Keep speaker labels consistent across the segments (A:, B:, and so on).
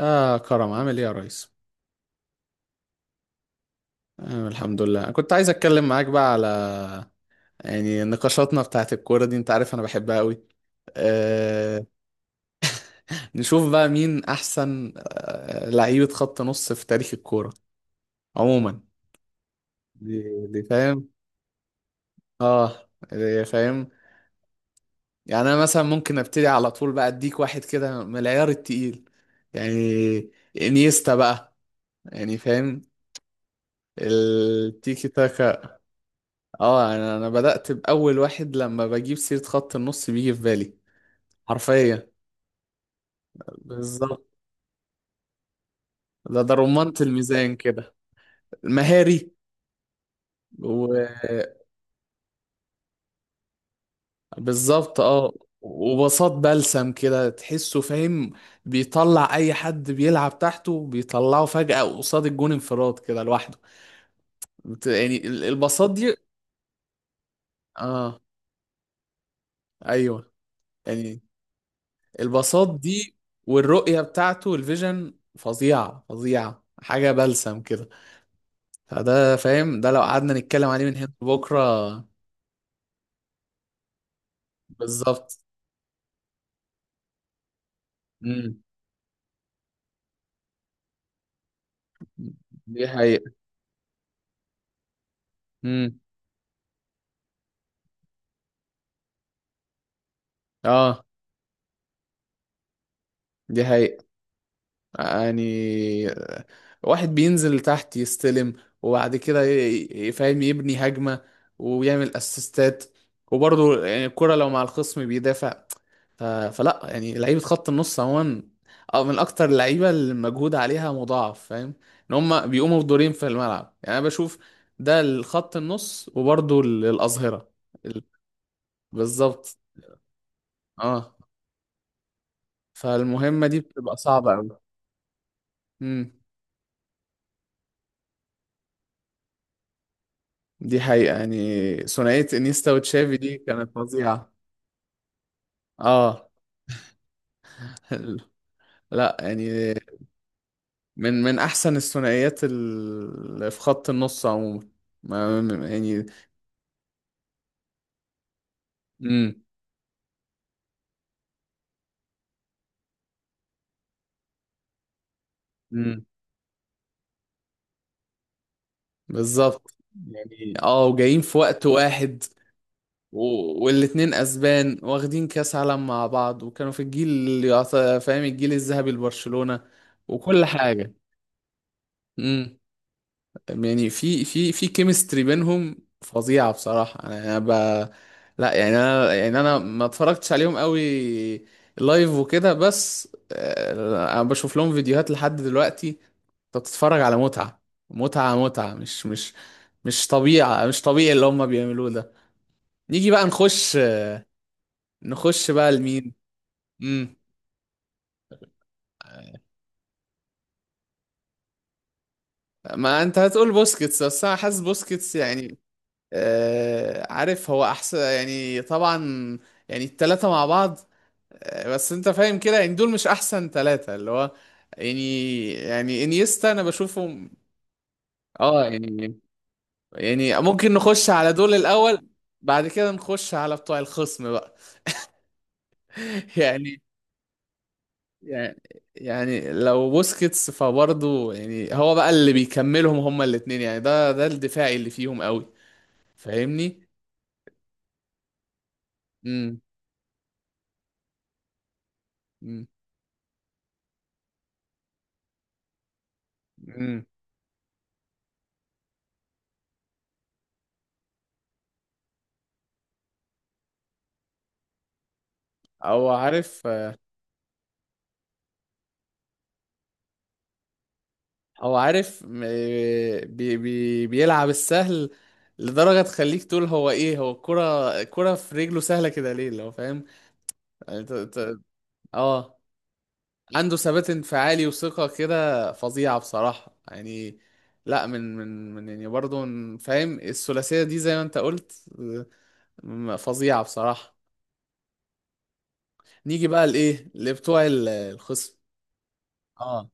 A: كرم عامل إيه يا ريس؟ الحمد لله، كنت عايز أتكلم معاك بقى على يعني نقاشاتنا بتاعت الكورة دي. أنت عارف أنا بحبها قوي. آه. نشوف بقى مين أحسن لعيبة خط نص في تاريخ الكورة عموما. دي دي فاهم؟ آه، دي فاهم؟ يعني أنا مثلا ممكن أبتدي على طول بقى أديك واحد كده من العيار التقيل، يعني إنيستا بقى، يعني فاهم؟ التيكي تاكا. اه، انا بدأت بأول واحد، لما بجيب سيرة خط النص بيجي في بالي. حرفيا. بالظبط. ده رمانة الميزان كده. مهاري. وبالظبط، اه. وبساط بلسم كده، تحسه فاهم. بيطلع اي حد بيلعب تحته، بيطلعه فجأة قصاد الجون انفراد كده لوحده. يعني البساط دي. اه، ايوه. يعني البساط دي. والرؤية بتاعته الفيجن فظيعة، فظيعة حاجة بلسم كده. فده فاهم، ده لو قعدنا نتكلم عليه من هنا لبكره. بالظبط. امم. دي حقيقة. امم. اه، دي حقيقة. يعني واحد بينزل تحت يستلم، وبعد كده فاهم يبني هجمة، ويعمل اسيستات. وبرضه يعني الكرة لو مع الخصم بيدافع. فلا، يعني لعيبة خط النص عموما أو من أكتر اللعيبة اللي المجهود عليها مضاعف، فاهم، إن هما بيقوموا بدورين في الملعب. يعني أنا بشوف ده الخط النص، وبرضه الأظهرة. ال- بالظبط، اه. فالمهمة دي بتبقى صعبة أوي. دي حقيقة، يعني ثنائية انيستا وتشافي دي كانت فظيعة. اه. لا يعني من احسن الثنائيات اللي في خط النص عموما. يعني. امم. امم. بالظبط، يعني اه وجايين في وقت واحد. والاتنين اسبان واخدين كاس عالم مع بعض، وكانوا في الجيل اللي فاهم الجيل الذهبي لبرشلونة وكل حاجة. امم. يعني في كيمستري بينهم، فظيعة بصراحة. انا ب... لا يعني انا، يعني انا ما اتفرجتش عليهم قوي لايف وكده، بس آه، انا بشوف لهم فيديوهات لحد دلوقتي. انت بتتفرج على متعة، متعة متعة، مش طبيعة، مش طبيعي اللي هم بيعملوه ده. نيجي بقى نخش. نخش بقى لمين. امم. ما انت هتقول بوسكيتس، بس انا حاسس بوسكيتس يعني آه، عارف هو احسن، يعني طبعا. يعني التلاتة مع بعض. آه، بس انت فاهم كده، يعني دول مش احسن تلاتة اللي هو، يعني انيستا انا بشوفهم. اه يعني، يعني ممكن نخش على دول الاول، بعد كده نخش على بتوع الخصم بقى. يعني، يعني يعني لو بوسكيتس، فبرضه يعني هو بقى اللي بيكملهم هما الاتنين. يعني ده الدفاعي اللي فيهم قوي، فاهمني. امم. امم. امم. او عارف. هو عارف بي بي بيلعب السهل لدرجة تخليك تقول هو ايه، هو الكرة في رجله سهلة كده ليه لو فاهم. يعني اه، عنده ثبات انفعالي وثقة كده فظيعة بصراحة، يعني لا من يعني برضه فاهم الثلاثية دي زي ما انت قلت. فظيعة بصراحة. نيجي بقى لايه لبتوع الخصم. اه،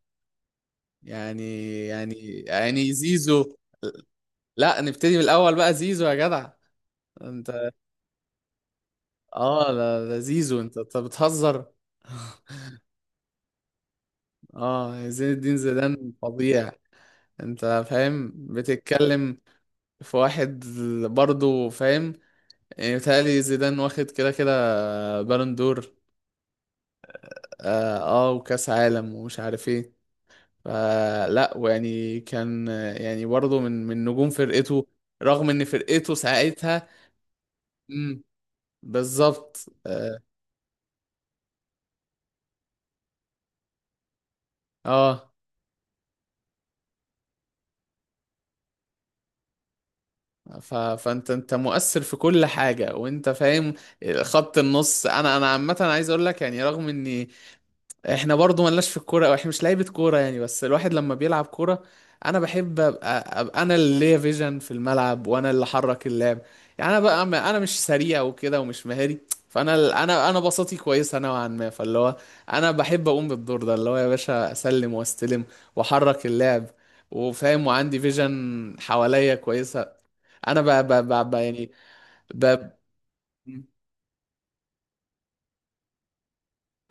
A: يعني يعني يعني زيزو. لا نبتدي من الاول بقى زيزو يا جدع. اه لا لا، زيزو انت بتهزر. اه، زين الدين زيدان فظيع. انت فاهم بتتكلم في واحد، برضه فاهم. يعني بيتهيألي زيدان واخد كده كده بالون دور. اه آه، وكاس عالم ومش عارف ايه. فلا، ويعني كان، يعني برضه من نجوم فرقته، رغم ان فرقته ساعتها. امم. بالظبط، اه. آه. فانت مؤثر في كل حاجه وانت فاهم. خط النص، انا عامه عايز اقول لك، يعني رغم اني، احنا برضو ملناش في الكوره او احنا مش لعيبه كوره، يعني بس الواحد لما بيلعب كوره، انا بحب أبقى انا اللي ليا فيجن في الملعب وانا اللي حرك اللعب. يعني انا بقى، انا مش سريع وكده، ومش مهاري. فانا، انا بساطي كويسه نوعا ما. فاللي هو، انا بحب اقوم بالدور ده اللي هو يا باشا اسلم واستلم واحرك اللعب، وفاهم وعندي فيجن حواليا كويسه. انا يعني ب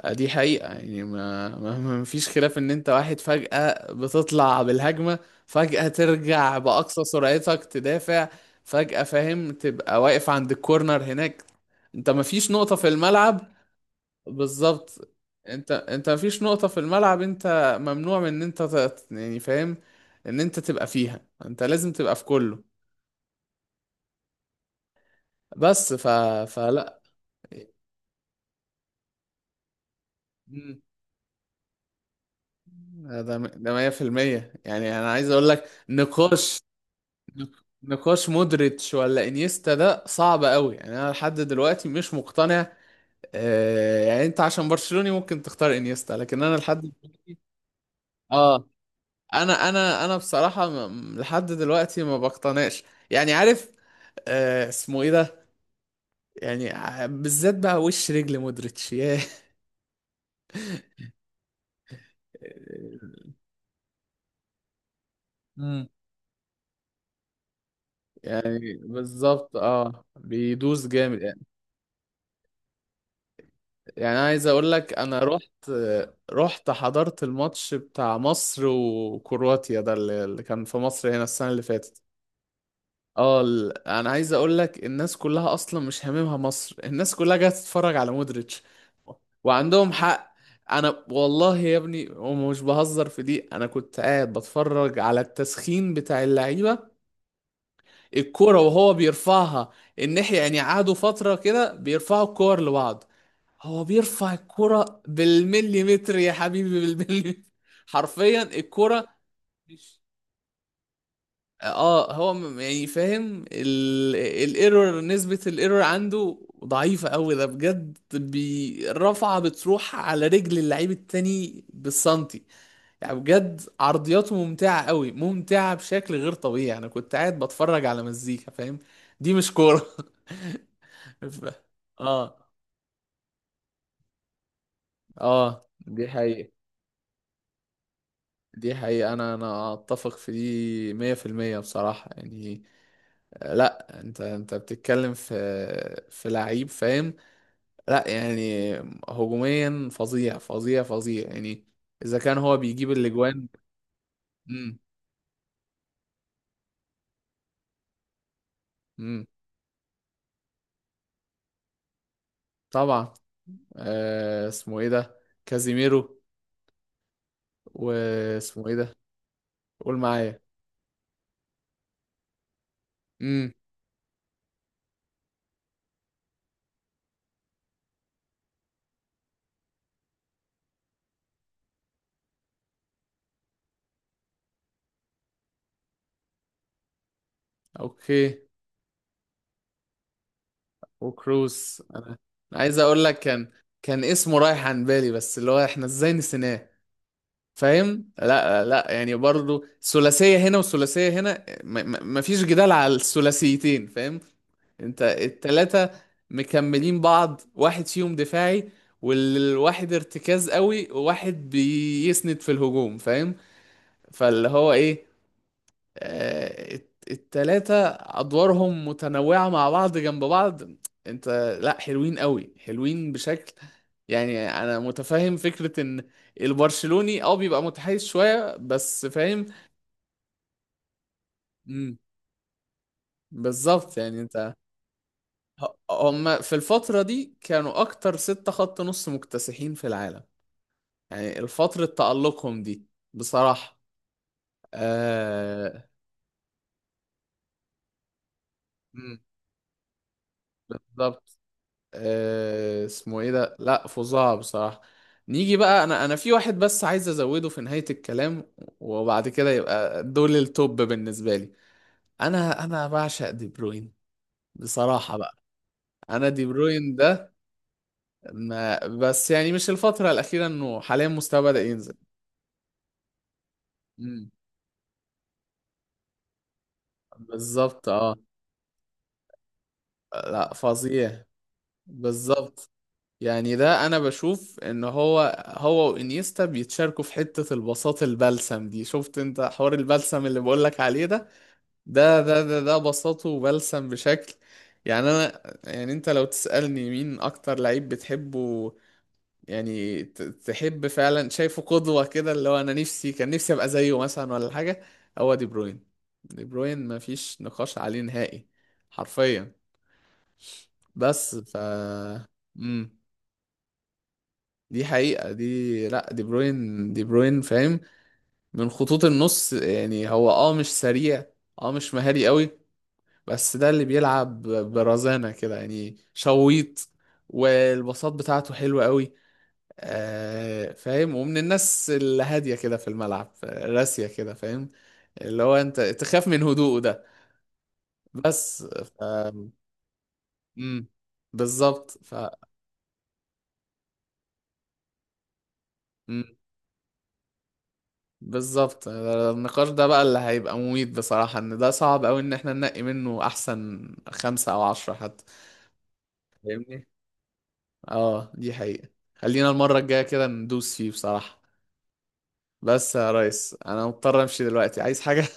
A: آه، دي حقيقة. يعني ما فيش خلاف ان انت واحد فجأة بتطلع بالهجمة، فجأة ترجع بأقصى سرعتك تدافع، فجأة فاهم تبقى واقف عند الكورنر هناك. انت ما فيش نقطة في الملعب. بالظبط. انت ما فيش نقطة في الملعب. انت ممنوع من ان انت يعني فاهم، ان انت تبقى فيها. انت لازم تبقى في كله. بس فلا. مم. ده 100%. يعني انا عايز اقول لك نقاش، نقاش مودريتش ولا انيستا ده صعب قوي. يعني انا لحد دلوقتي مش مقتنع. آه، يعني انت عشان برشلوني ممكن تختار انيستا، لكن انا لحد، اه انا بصراحة لحد دلوقتي ما بقتنعش، يعني عارف، آه اسمه ايه ده، يعني بالذات بقى وش رجل مودريتش ياه. مم. يعني بالظبط، اه بيدوس جامد. يعني أنا عايز اقول لك، انا رحت حضرت الماتش بتاع مصر وكرواتيا ده اللي اللي كان في مصر هنا السنة اللي فاتت. اه، انا عايز اقول لك الناس كلها اصلا مش هاممها مصر، الناس كلها جايه تتفرج على مودريتش. وعندهم حق. انا والله يا ابني ومش بهزر في دي، انا كنت قاعد بتفرج على التسخين بتاع اللعيبة، الكورة وهو بيرفعها الناحية. يعني قعدوا فترة كده بيرفعوا الكور لبعض، هو بيرفع الكرة بالمليمتر يا حبيبي، بالمليمتر. حرفيا الكرة. مش، اه هو يعني فاهم الايرور، نسبة الايرور عنده ضعيفة قوي، ده بجد. الرفعة بتروح على رجل اللعيب التاني بالسنتي. يعني بجد عرضياته ممتعة قوي، ممتعة بشكل غير طبيعي. انا كنت قاعد بتفرج على مزيكا فاهم، دي مش كورة. ف- اه. اه دي حقيقة. دي حقيقة، انا اتفق في دي 100% بصراحة، يعني آه، لا انت بتتكلم في، في لعيب فاهم. لا يعني هجوميا فظيع فظيع فظيع، يعني اذا كان هو بيجيب الاجوان. امم. امم. طبعا، آه اسمه ايه ده، كازيميرو، واسمه ايه ده، قول معايا. امم. اوكي. وكروس. انا أنا عايز اقول لك كان، كان اسمه رايح عن بالي، بس اللي هو احنا ازاي نسيناه، فاهم. لا لا، يعني برضو ثلاثية هنا وثلاثية هنا. مفيش جدال على الثلاثيتين، فاهم. انت التلاتة مكملين بعض، واحد فيهم دفاعي، والواحد ارتكاز قوي، وواحد بيسند في الهجوم فاهم. فاللي هو ايه، آه، التلاتة أدوارهم متنوعة مع بعض جنب بعض. أنت، لأ حلوين قوي، حلوين بشكل. يعني أنا متفهم فكرة إن البرشلوني بيبقى متحيز شوية، بس فاهم. مم. بالظبط، يعني أنت هما في الفترة دي كانوا أكتر ستة خط نص مكتسحين في العالم، يعني الفترة تألقهم دي بصراحة. آه. مم. بالظبط. آه، اسمه ايه ده، لا فظاع بصراحة. نيجي بقى، انا في واحد بس عايز ازوده في نهاية الكلام، وبعد كده يبقى دول التوب بالنسبة لي. انا بعشق دي بروين بصراحة بقى. انا دي بروين ده، ما بس يعني مش الفترة الأخيرة، انه حاليا مستواه بدأ ينزل. مم. بالظبط، اه. لا فظيع. بالظبط، يعني ده انا بشوف ان هو وانيستا بيتشاركوا في حتة البساط البلسم دي. شفت انت حوار البلسم اللي بقولك عليه ده، ده بساطه وبلسم بشكل، يعني انا، يعني انت لو تسألني مين اكتر لعيب بتحبه، يعني تحب فعلا شايفه قدوة كده اللي هو انا نفسي، كان نفسي ابقى زيه مثلا ولا حاجة، هو دي بروين. دي بروين مفيش نقاش عليه نهائي، حرفيا. بس دي حقيقة. دي، لا دي بروين، دي بروين فاهم، من خطوط النص. يعني هو مش سريع، اه مش مهاري قوي، بس ده اللي بيلعب برزانة كده يعني شويط، والبساط بتاعته حلوة قوي. آه فاهم، ومن الناس الهادية كده في الملعب، راسية كده فاهم، اللي هو انت تخاف من هدوءه ده. بس مم. بالظبط، بالظبط. النقاش ده بقى اللي هيبقى مميت بصراحة، ان ده صعب اوي ان احنا ننقي منه احسن خمسة او عشرة حتى، فاهمني. اه دي حقيقة. خلينا المرة الجاية كده ندوس فيه بصراحة. بس يا ريس انا مضطر امشي دلوقتي، عايز حاجة